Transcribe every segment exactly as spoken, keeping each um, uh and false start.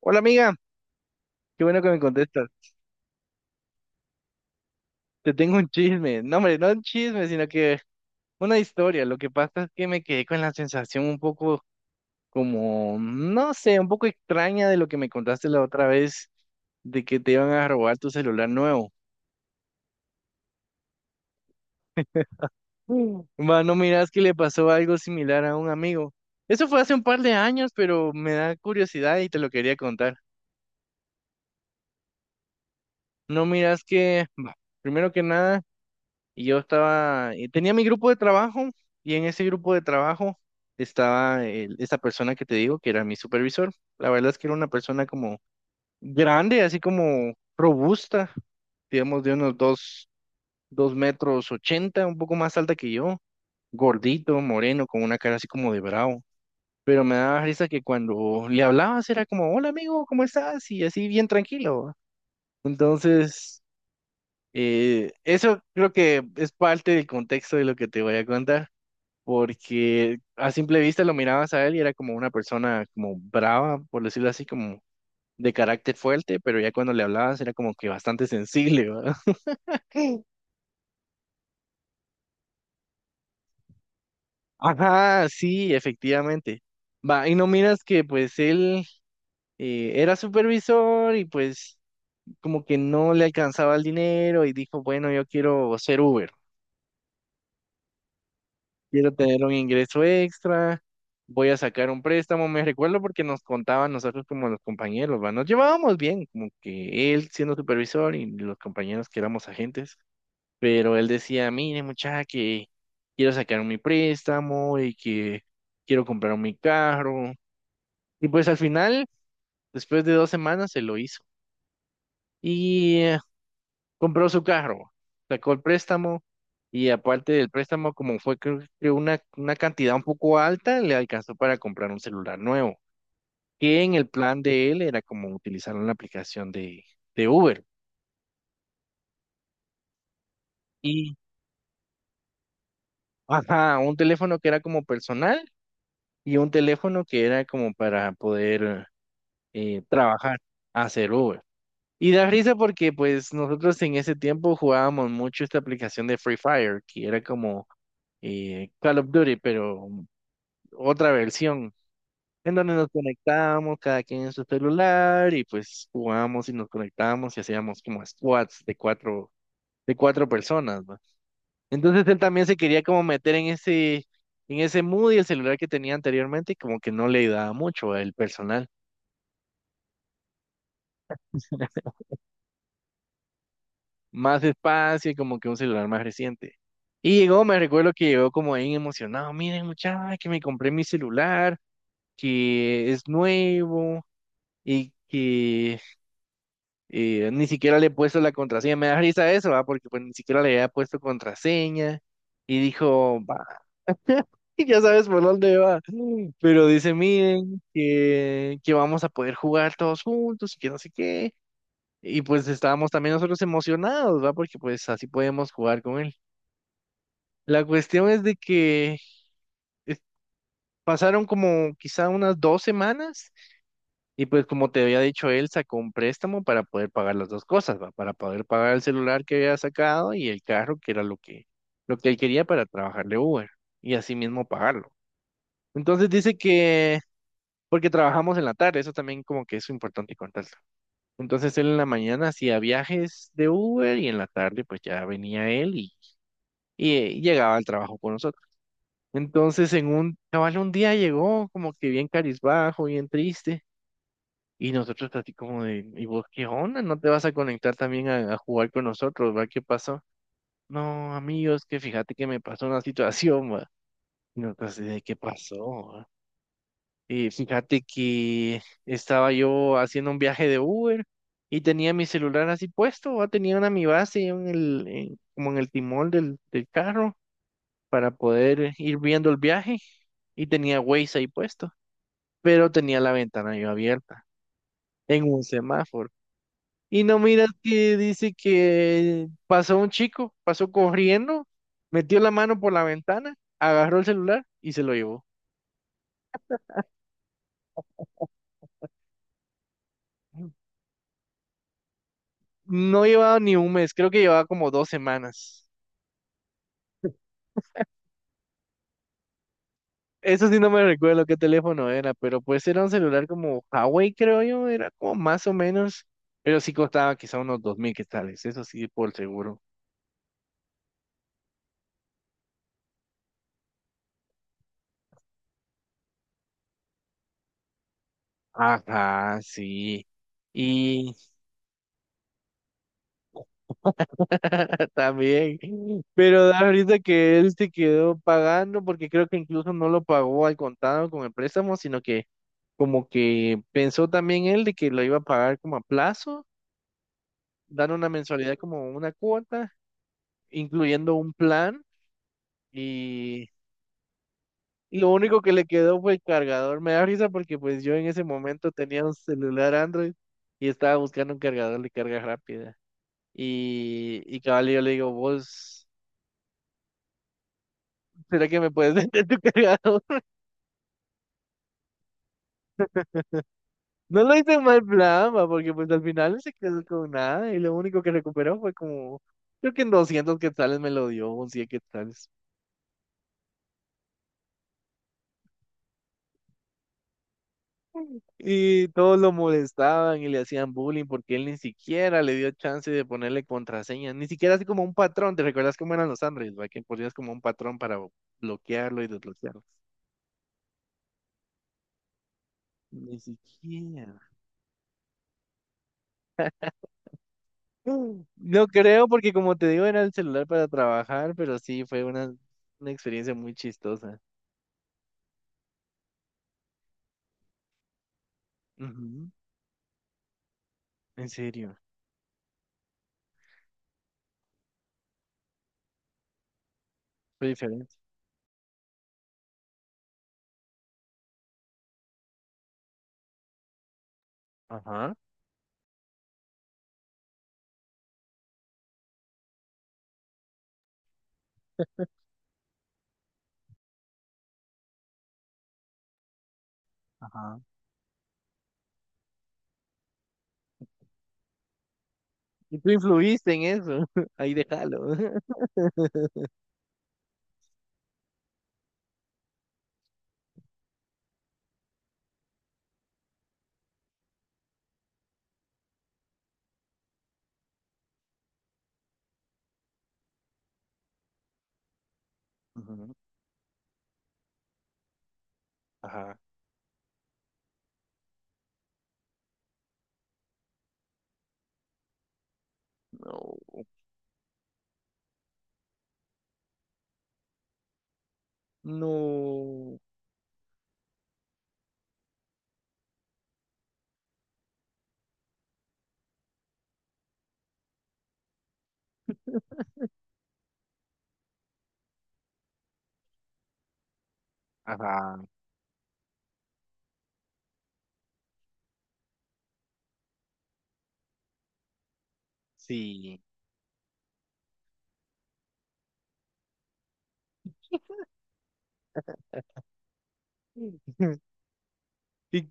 Hola amiga, qué bueno que me contestas. Te tengo un chisme. No, hombre, no un chisme, sino que una historia. Lo que pasa es que me quedé con la sensación un poco como, no sé, un poco extraña de lo que me contaste la otra vez, de que te iban a robar tu celular nuevo. Mm. Mano, miras que le pasó algo similar a un amigo. Eso fue hace un par de años, pero me da curiosidad y te lo quería contar. No miras que, bah, primero que nada... Y yo estaba, y tenía mi grupo de trabajo y en ese grupo de trabajo estaba el- esa persona que te digo que era mi supervisor. La verdad es que era una persona como grande, así como robusta, digamos de unos dos, dos metros ochenta, un poco más alta que yo, gordito, moreno, con una cara así como de bravo. Pero me daba risa que cuando le hablabas era como, hola amigo, ¿cómo estás? Y así bien tranquilo, ¿va? Entonces, eh, eso creo que es parte del contexto de lo que te voy a contar porque a simple vista lo mirabas a él y era como una persona como brava, por decirlo así, como de carácter fuerte, pero ya cuando le hablabas era como que bastante sensible, ¿verdad? Ajá, sí, efectivamente. Va, y no miras que pues él eh, era supervisor y pues como que no le alcanzaba el dinero y dijo, bueno, yo quiero ser Uber. Quiero tener un ingreso extra, voy a sacar un préstamo, me recuerdo porque nos contaban nosotros como los compañeros, ¿va? Nos llevábamos bien, como que él siendo supervisor y los compañeros que éramos agentes, pero él decía, mire muchacha, que quiero sacar mi préstamo y que quiero comprar mi carro. Y pues al final, después de dos semanas, se lo hizo. Y compró su carro, sacó el préstamo y aparte del préstamo, como fue creo que una, una cantidad un poco alta, le alcanzó para comprar un celular nuevo, que en el plan de él era como utilizar una aplicación de, de Uber. Y, ajá, un teléfono que era como personal y un teléfono que era como para poder eh, trabajar, hacer Uber. Y da risa porque pues nosotros en ese tiempo jugábamos mucho esta aplicación de Free Fire, que era como eh, Call of Duty, pero otra versión, en donde nos conectábamos cada quien en su celular y pues jugábamos y nos conectábamos y hacíamos como squads de cuatro, de cuatro personas, ¿va? Entonces él también se quería como meter en ese, en ese mood y el celular que tenía anteriormente y como que no le ayudaba mucho el personal. Más espacio y como que un celular más reciente. Y llegó, me recuerdo que llegó como bien emocionado, miren muchachos, que me compré mi celular, que es nuevo y que y eh, ni siquiera le he puesto la contraseña. Me da risa eso, ¿va? Porque pues ni siquiera le había puesto contraseña. Y dijo, va, ya sabes por dónde va. Pero dice, miren, que, que vamos a poder jugar todos juntos y que no sé qué. Y pues estábamos también nosotros emocionados, ¿va? Porque pues así podemos jugar con él. La cuestión es de que eh, pasaron como quizá unas dos semanas. Y pues como te había dicho él, sacó un préstamo para poder pagar las dos cosas, ¿va? Para poder pagar el celular que había sacado y el carro, que era lo que, lo que él quería para trabajarle Uber, y así mismo pagarlo. Entonces dice que, porque trabajamos en la tarde, eso también como que es importante contarlo. Entonces él en la mañana hacía viajes de Uber y en la tarde pues ya venía él y, y eh, llegaba al trabajo con nosotros. Entonces en un, cabal un día llegó como que bien carizbajo, bien triste. Y nosotros así como de, ¿y vos qué onda? ¿No te vas a conectar también a, a jugar con nosotros? ¿Va? ¿Qué pasó? No, amigos, que fíjate que me pasó una situación, va. Y nosotros así de, ¿qué pasó, va? Y fíjate que estaba yo haciendo un viaje de Uber y tenía mi celular así puesto, va. Tenía una mi base en el, en- como en el timón del, del carro para poder ir viendo el viaje y tenía Waze ahí puesto, pero tenía la ventana yo abierta en un semáforo. Y no miras que dice que pasó un chico, pasó corriendo, metió la mano por la ventana, agarró el celular y se lo llevó. No llevaba ni un mes, creo que llevaba como dos semanas. Eso sí no me recuerdo qué teléfono era, pero pues era un celular como Huawei, creo yo, era como más o menos, pero sí costaba quizá unos dos mil quetzales, eso sí, por seguro. Ajá, sí. También, pero da ahorita que él se quedó pagando, porque creo que incluso no lo pagó al contado con el préstamo, sino que como que pensó también él de que lo iba a pagar como a plazo, dando una mensualidad como una cuota, incluyendo un plan, y, y lo único que le quedó fue el cargador. Me da risa porque pues yo en ese momento tenía un celular Android y estaba buscando un cargador de carga rápida. Y, y cabal, yo le digo, vos, ¿será que me puedes vender tu cargador? No lo hice en mal plan, va, porque pues al final no se quedó con nada y lo único que recuperó fue como, creo que en doscientos quetzales me lo dio, un cien quetzales. Y todos lo molestaban y le hacían bullying porque él ni siquiera le dio chance de ponerle contraseña, ni siquiera así como un patrón, ¿te recuerdas cómo eran los Android, va? Que ponías como un patrón para bloquearlo y desbloquearlo. Ni siquiera. Mm. No creo porque como te digo era el celular para trabajar, pero sí fue una, una experiencia muy chistosa. Ujú. En serio. Fue diferente. Ajá. Ajá. Y tú influiste en eso. Ahí déjalo. Ujú. Ajá. No. No. Ajá. Sí. Y-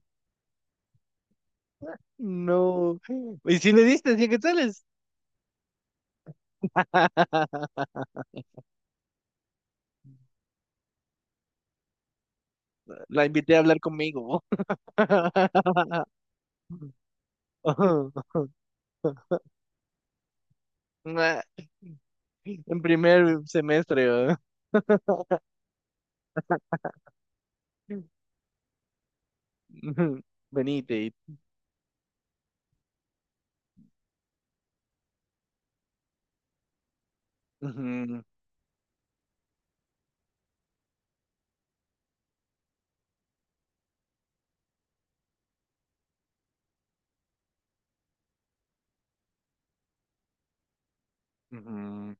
no. Y si le diste cien quetzales. La invité a hablar conmigo. Nah, en primer semestre, ¿verdad? Venite. Ujú, ujú.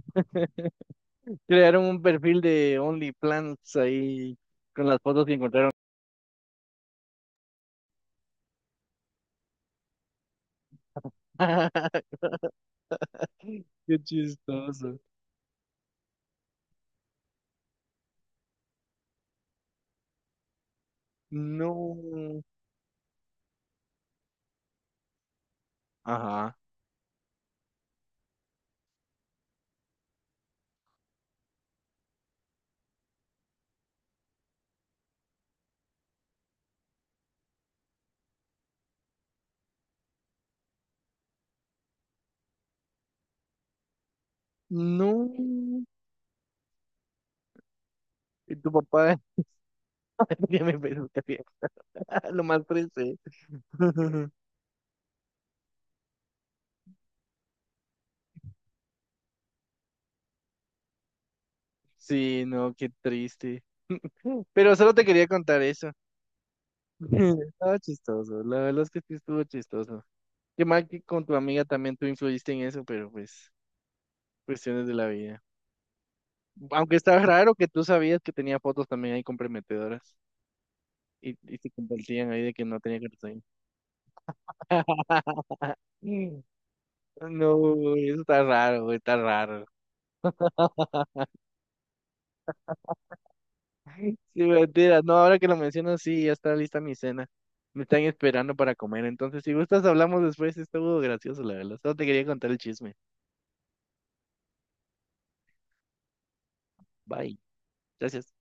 Crearon un perfil de OnlyPlants ahí con las fotos que encontraron. Qué chistoso. No. Ajá. No. Y tu papá ya me pensó también. Lo más triste. Sí, no, qué triste. Pero solo te quería contar eso. Estaba chistoso. La verdad es que sí estuvo chistoso. Qué mal que con tu amiga también tú influiste en eso, pero pues, cuestiones de la vida. Aunque estaba raro que tú sabías que tenía fotos también ahí comprometedoras y, y se compartían ahí de que no tenía que estar ahí. No, eso está raro, güey, está raro. Sí, mentira. No, ahora que lo mencionas, sí, ya está lista mi cena. Me están esperando para comer. Entonces, si gustas, hablamos después. Estuvo gracioso, la verdad. Solo te quería contar el chisme. Bye. Gracias.